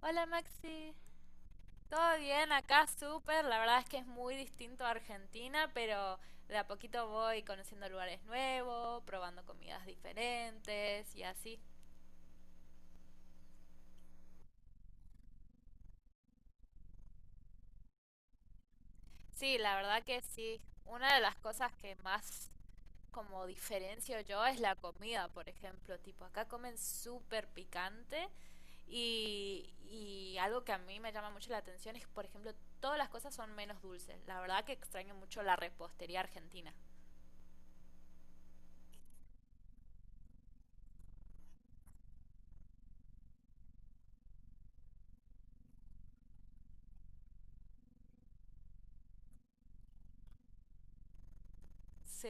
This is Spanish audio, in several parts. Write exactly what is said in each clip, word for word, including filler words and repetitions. Hola Maxi, todo bien acá, súper. La verdad es que es muy distinto a Argentina, pero de a poquito voy conociendo lugares nuevos, probando comidas diferentes y así. Sí, la verdad que sí. Una de las cosas que más como diferencio yo es la comida, por ejemplo. Tipo, acá comen súper picante y, y algo que a mí me llama mucho la atención es, por ejemplo, todas las cosas son menos dulces. La verdad que extraño mucho la repostería argentina. Sí.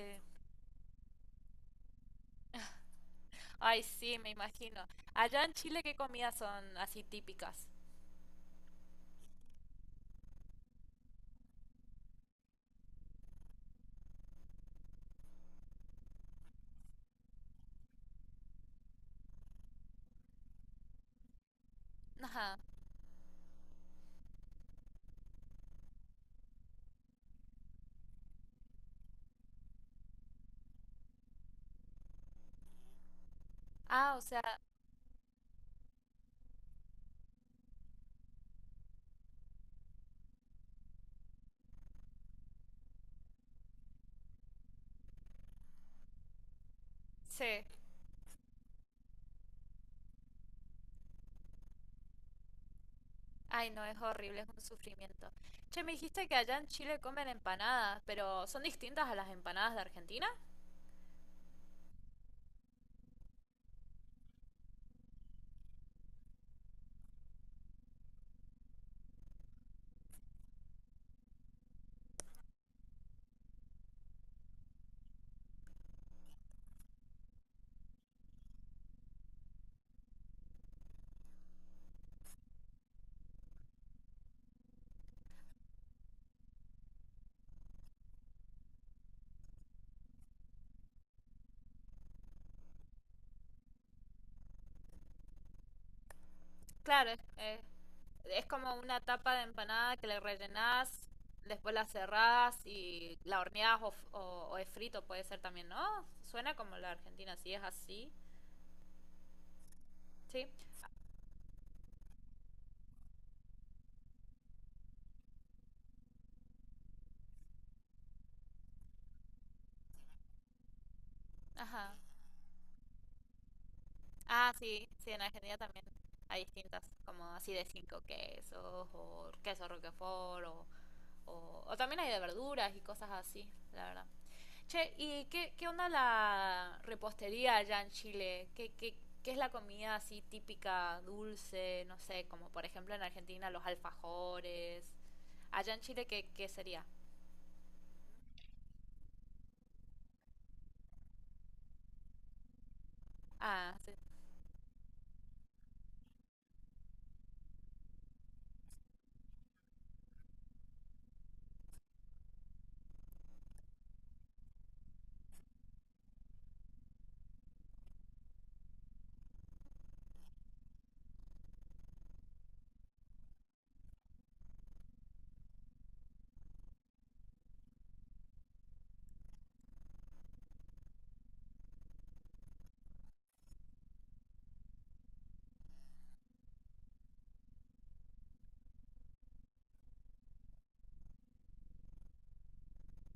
Ay, sí, me imagino. Allá en Chile, ¿qué comidas son así típicas? Ajá. Ah, o sea, sí. Ay, no, es horrible, es un sufrimiento. Che, me dijiste que allá en Chile comen empanadas, pero ¿son distintas a las empanadas de Argentina? Claro, es, eh, es como una tapa de empanada que le rellenás, después la cerrás y la horneás o, f- o, o es frito, puede ser también, ¿no? Suena como la Argentina, si es así. Sí. Ajá. Ah, sí, sí, en Argentina también hay distintas, como así de cinco quesos, o queso roquefort, o, o, o también hay de verduras y cosas así, la verdad. Che, ¿y qué, qué onda la repostería allá en Chile? ¿Qué, qué, qué es la comida así típica, dulce, no sé, como por ejemplo en Argentina los alfajores? Allá en Chile, ¿qué, qué sería? Ah, sí.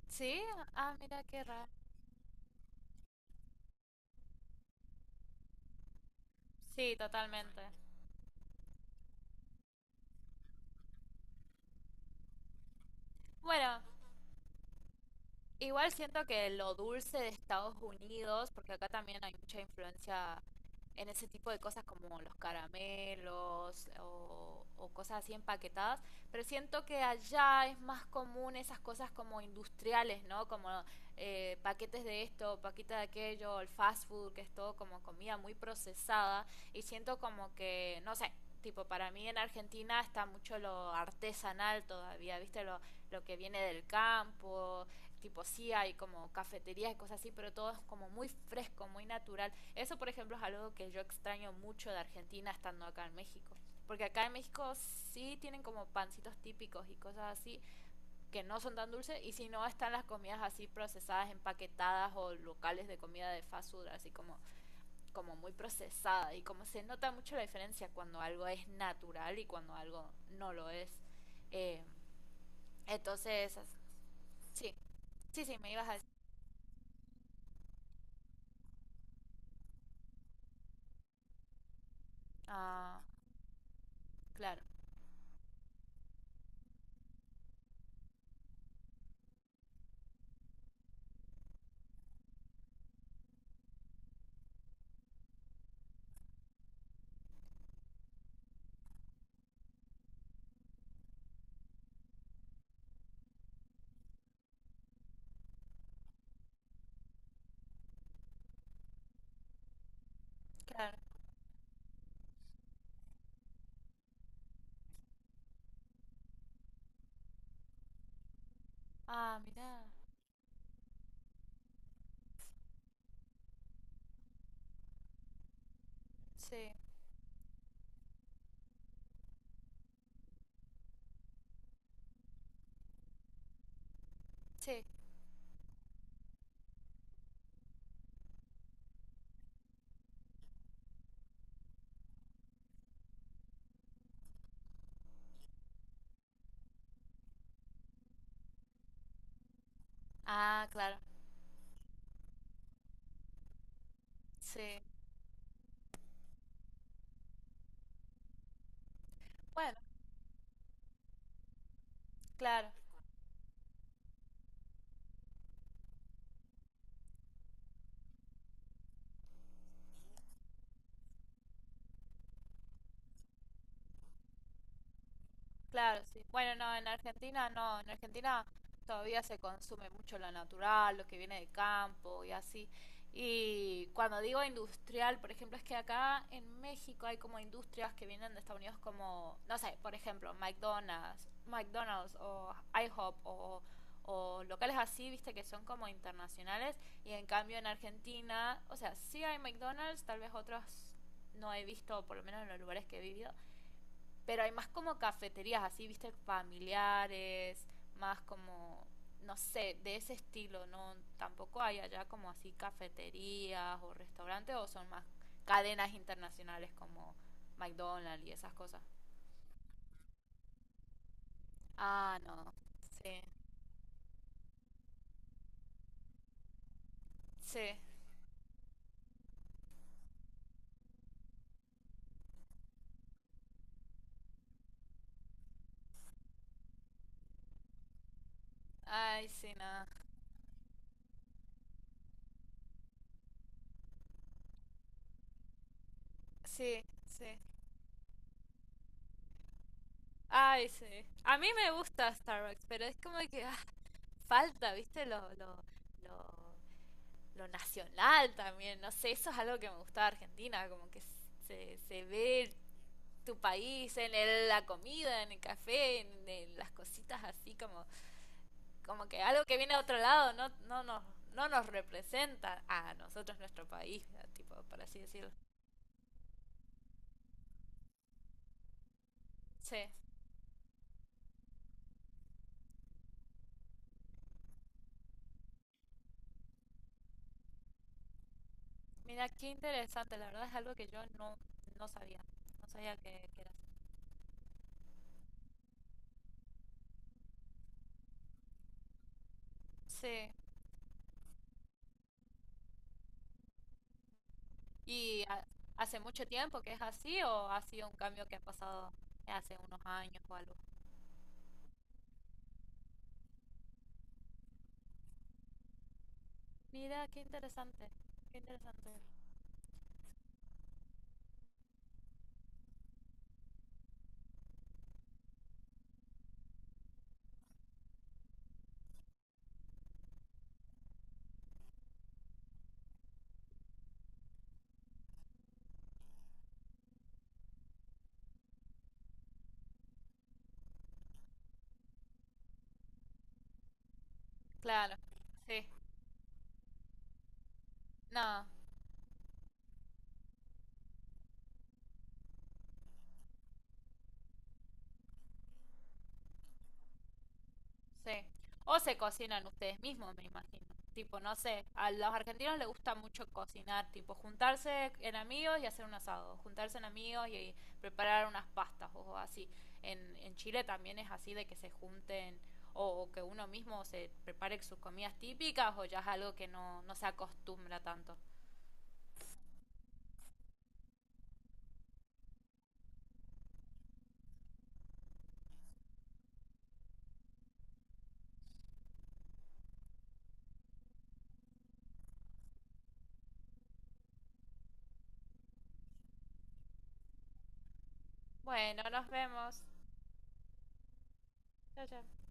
¿Sí? Ah, mira qué raro. Sí, totalmente. Bueno, igual siento que lo dulce de Estados Unidos, porque acá también hay mucha influencia en ese tipo de cosas como los caramelos o, o cosas así empaquetadas, pero siento que allá es más común esas cosas como industriales, ¿no? Como eh, paquetes de esto, paquetes de aquello, el fast food, que es todo como comida muy procesada, y siento como que, no sé. Tipo, para mí en Argentina está mucho lo artesanal todavía, ¿viste? Lo, lo que viene del campo, tipo sí hay como cafeterías y cosas así, pero todo es como muy fresco, muy natural. Eso, por ejemplo, es algo que yo extraño mucho de Argentina estando acá en México. Porque acá en México sí tienen como pancitos típicos y cosas así que no son tan dulces y si no están las comidas así procesadas, empaquetadas o locales de comida de fast food así como, como muy procesada y como se nota mucho la diferencia cuando algo es natural y cuando algo no lo es. Eh, entonces, sí, sí, sí, me ibas a decir... ah, claro, claro. Ah, mira, sí, sí. Ah, claro, sí. Bueno, claro, claro, sí. Bueno, no, en Argentina no, en Argentina todavía se consume mucho lo natural, lo que viene de campo y así. Y cuando digo industrial, por ejemplo, es que acá en México hay como industrias que vienen de Estados Unidos como, no sé, por ejemplo, McDonald's, McDonald's o IHOP o, o locales así, viste, que son como internacionales. Y en cambio en Argentina, o sea, sí hay McDonald's, tal vez otros no he visto, por lo menos en los lugares que he vivido, pero hay más como cafeterías así, viste, familiares, más como, no sé, de ese estilo, ¿no? Tampoco hay allá como así cafeterías o restaurantes o son más cadenas internacionales como McDonald's y esas cosas. Ah, no. Sí, sí. Ay, sí, nada. Sí, sí. Ay, sí. A mí me gusta Starbucks, pero es como que ah, falta, ¿viste? Lo, lo, lo lo nacional también, no sé, eso es algo que me gusta de Argentina, como que se, se ve tu país en el- la comida, en el café, en, en las cositas así, como, como que algo que viene de otro lado no, no, nos, no nos representa a nosotros, nuestro país, tipo, por así decirlo. Sí, mira, qué interesante, la verdad es algo que yo no, no sabía, no sabía que, que era así. Sí, ¿y ha- hace mucho tiempo que es así o ha sido un cambio que ha pasado hace unos años o algo? Mira, qué interesante, qué interesante. Claro, sí, no, sí. O se cocinan ustedes mismos, me imagino. Tipo, no sé, a los argentinos les gusta mucho cocinar, tipo, juntarse en amigos y hacer un asado, juntarse en amigos y, y preparar unas pastas o así. En, en Chile también es así de que se junten o, o que uno mismo se prepare sus comidas típicas o ya es algo que no, no se acostumbra tanto. Bueno, nos vemos. Chao, chao.